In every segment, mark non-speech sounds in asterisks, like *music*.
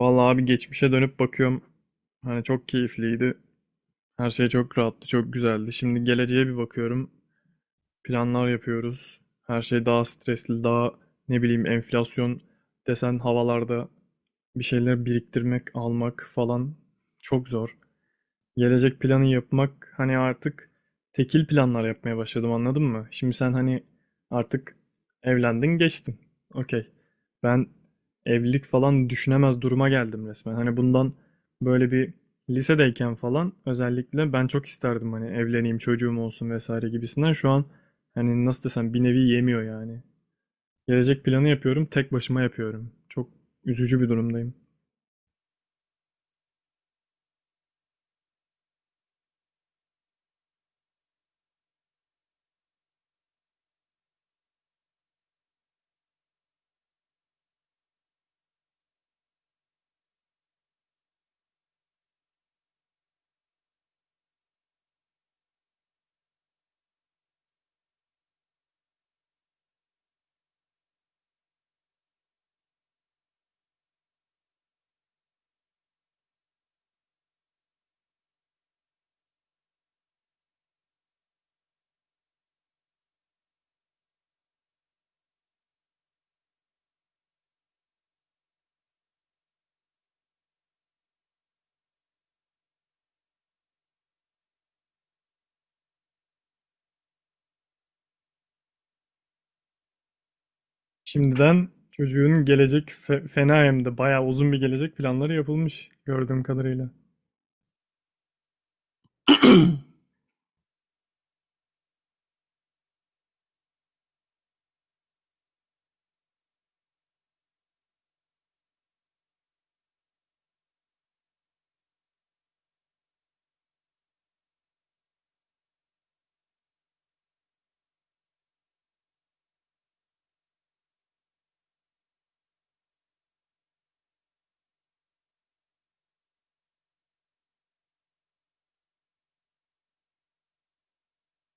Vallahi abi geçmişe dönüp bakıyorum. Hani çok keyifliydi. Her şey çok rahattı, çok güzeldi. Şimdi geleceğe bir bakıyorum. Planlar yapıyoruz. Her şey daha stresli, daha ne bileyim enflasyon desen havalarda bir şeyler biriktirmek, almak falan çok zor. Gelecek planı yapmak hani artık tekil planlar yapmaya başladım, anladın mı? Şimdi sen hani artık evlendin geçtin. Okey. Ben evlilik falan düşünemez duruma geldim resmen. Hani bundan böyle bir lisedeyken falan özellikle ben çok isterdim hani evleneyim, çocuğum olsun vesaire gibisinden. Şu an hani nasıl desem bir nevi yemiyor yani. Gelecek planı yapıyorum, tek başıma yapıyorum. Çok üzücü bir durumdayım. Şimdiden çocuğun gelecek fena hem de bayağı uzun bir gelecek planları yapılmış gördüğüm kadarıyla. *clears throat*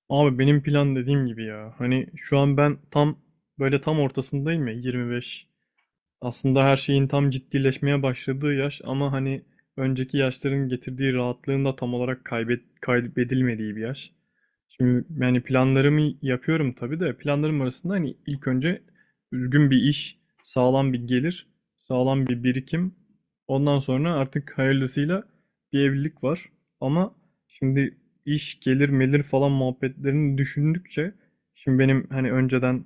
Abi benim plan dediğim gibi ya. Hani şu an ben tam böyle tam ortasındayım ya, 25. Aslında her şeyin tam ciddileşmeye başladığı yaş ama hani önceki yaşların getirdiği rahatlığın da tam olarak kaybedilmediği bir yaş. Şimdi yani planlarımı yapıyorum tabii de planlarım arasında hani ilk önce düzgün bir iş, sağlam bir gelir, sağlam bir birikim. Ondan sonra artık hayırlısıyla bir evlilik var. Ama şimdi iş, gelir, melir falan muhabbetlerini düşündükçe şimdi benim hani önceden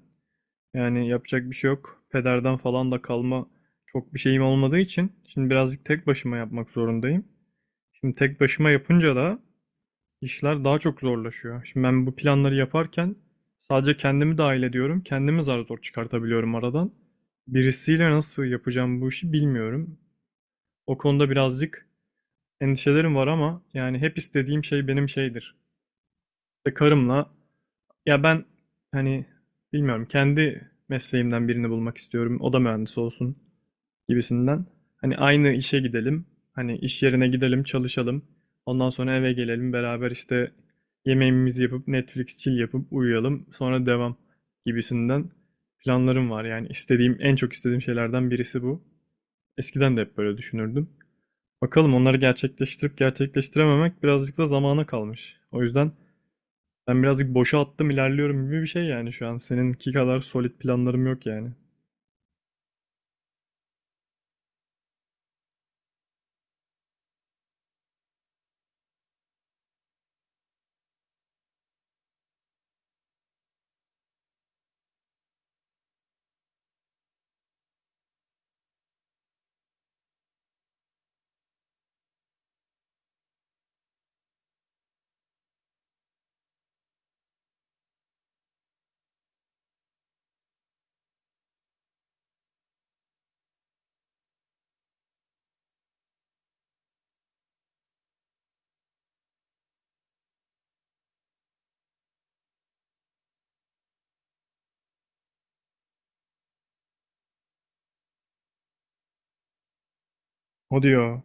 yani yapacak bir şey yok. Pederden falan da kalma çok bir şeyim olmadığı için şimdi birazcık tek başıma yapmak zorundayım. Şimdi tek başıma yapınca da işler daha çok zorlaşıyor. Şimdi ben bu planları yaparken sadece kendimi dahil ediyorum. Kendimi zar zor çıkartabiliyorum aradan. Birisiyle nasıl yapacağım bu işi bilmiyorum. O konuda birazcık endişelerim var ama yani hep istediğim şey benim şeydir. İşte karımla ya ben hani bilmiyorum, kendi mesleğimden birini bulmak istiyorum. O da mühendis olsun gibisinden. Hani aynı işe gidelim, hani iş yerine gidelim, çalışalım. Ondan sonra eve gelelim, beraber işte yemeğimizi yapıp Netflix chill yapıp uyuyalım. Sonra devam gibisinden planlarım var. Yani istediğim, en çok istediğim şeylerden birisi bu. Eskiden de hep böyle düşünürdüm. Bakalım, onları gerçekleştirip gerçekleştirememek birazcık da zamana kalmış. O yüzden ben birazcık boşa attım ilerliyorum gibi bir şey yani şu an. Seninki kadar solid planlarım yok yani. O diyor.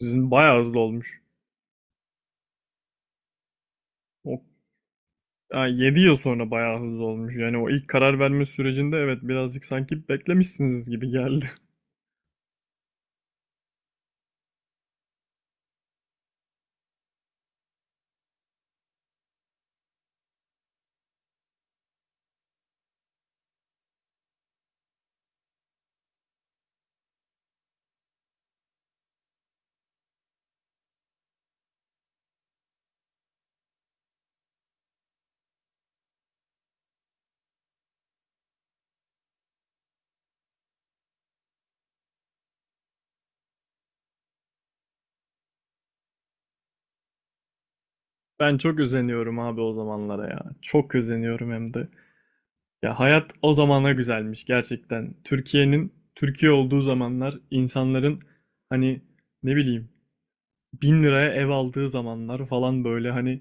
Sizin bayağı hızlı olmuş. O yani 7 yıl sonra bayağı hızlı olmuş. Yani o ilk karar verme sürecinde evet birazcık sanki beklemişsiniz gibi geldi. *laughs* Ben çok özeniyorum abi o zamanlara ya. Çok özeniyorum hem de. Ya hayat o zamana güzelmiş gerçekten. Türkiye'nin Türkiye olduğu zamanlar, insanların hani ne bileyim 1.000 liraya ev aldığı zamanlar falan böyle hani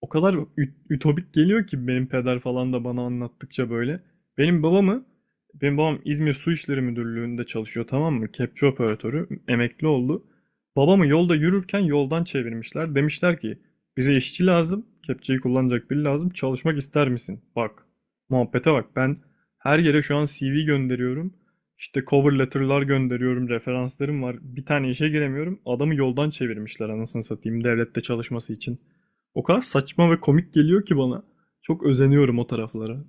o kadar ütopik geliyor ki, benim peder falan da bana anlattıkça böyle. Benim babamı, benim babam İzmir Su İşleri Müdürlüğü'nde çalışıyor, tamam mı? Kepçe operatörü, emekli oldu. Babamı yolda yürürken yoldan çevirmişler. Demişler ki bize işçi lazım, kepçeyi kullanacak biri lazım, çalışmak ister misin? Bak, muhabbete bak, ben her yere şu an CV gönderiyorum. İşte cover letter'lar gönderiyorum, referanslarım var. Bir tane işe giremiyorum. Adamı yoldan çevirmişler anasını satayım devlette çalışması için. O kadar saçma ve komik geliyor ki bana. Çok özeniyorum o taraflara.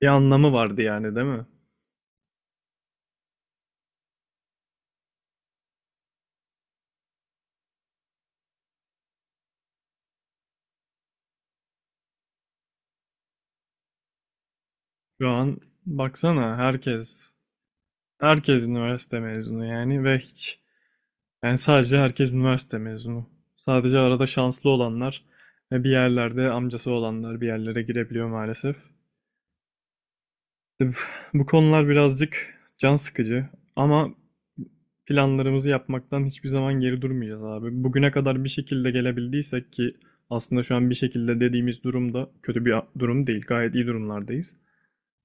Bir anlamı vardı yani, değil mi? Şu an baksana herkes, üniversite mezunu yani ve hiç, yani sadece herkes üniversite mezunu. Sadece arada şanslı olanlar ve bir yerlerde amcası olanlar bir yerlere girebiliyor maalesef. İşte bu konular birazcık can sıkıcı ama planlarımızı yapmaktan hiçbir zaman geri durmayacağız abi. Bugüne kadar bir şekilde gelebildiysek ki aslında şu an bir şekilde dediğimiz durumda kötü bir durum değil. Gayet iyi durumlardayız.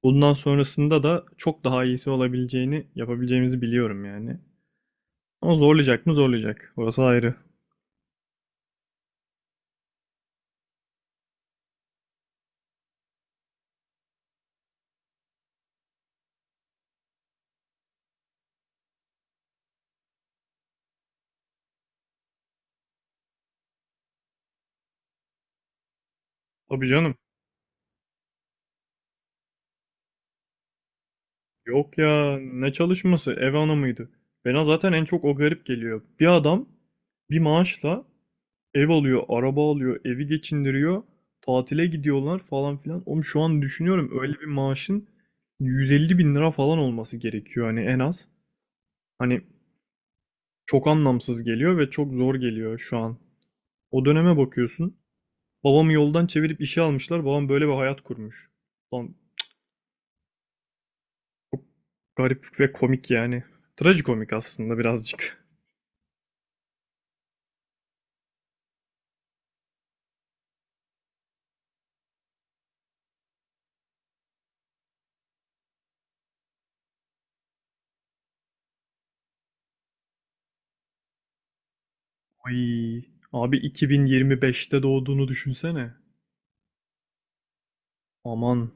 Bundan sonrasında da çok daha iyisi olabileceğini, yapabileceğimizi biliyorum yani. Ama zorlayacak mı zorlayacak. Orası ayrı. Tabii canım. Yok ya, ne çalışması, ev hanımıydı. Bana zaten en çok o garip geliyor. Bir adam bir maaşla ev alıyor, araba alıyor, evi geçindiriyor. Tatile gidiyorlar falan filan. Oğlum şu an düşünüyorum öyle bir maaşın 150 bin lira falan olması gerekiyor hani en az. Hani çok anlamsız geliyor ve çok zor geliyor şu an. O döneme bakıyorsun. Babamı yoldan çevirip işe almışlar. Babam böyle bir hayat kurmuş. Lan çok garip ve komik yani. Trajikomik aslında birazcık. Ay, abi 2025'te doğduğunu düşünsene. Aman,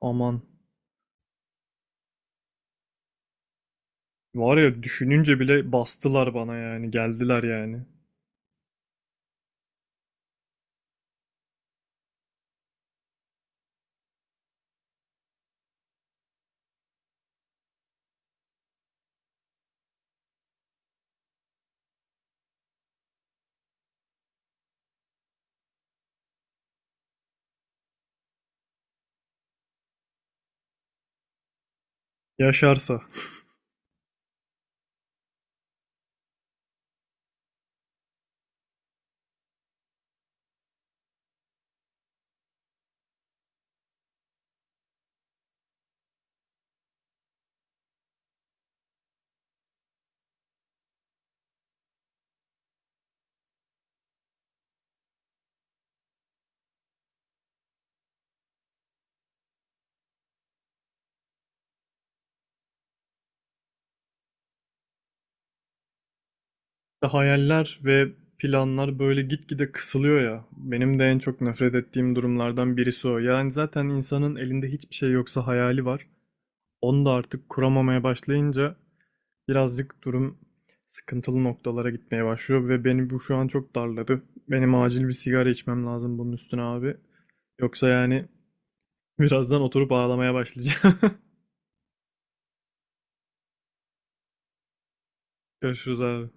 aman. Var ya, düşününce bile bastılar bana yani, geldiler yani. Yaşarsa. İşte hayaller ve planlar böyle gitgide kısılıyor ya. Benim de en çok nefret ettiğim durumlardan birisi o. Yani zaten insanın elinde hiçbir şey yoksa hayali var. Onu da artık kuramamaya başlayınca birazcık durum sıkıntılı noktalara gitmeye başlıyor ve beni bu şu an çok darladı. Benim acil bir sigara içmem lazım bunun üstüne abi. Yoksa yani *laughs* birazdan oturup ağlamaya başlayacağım. *laughs* Görüşürüz abi.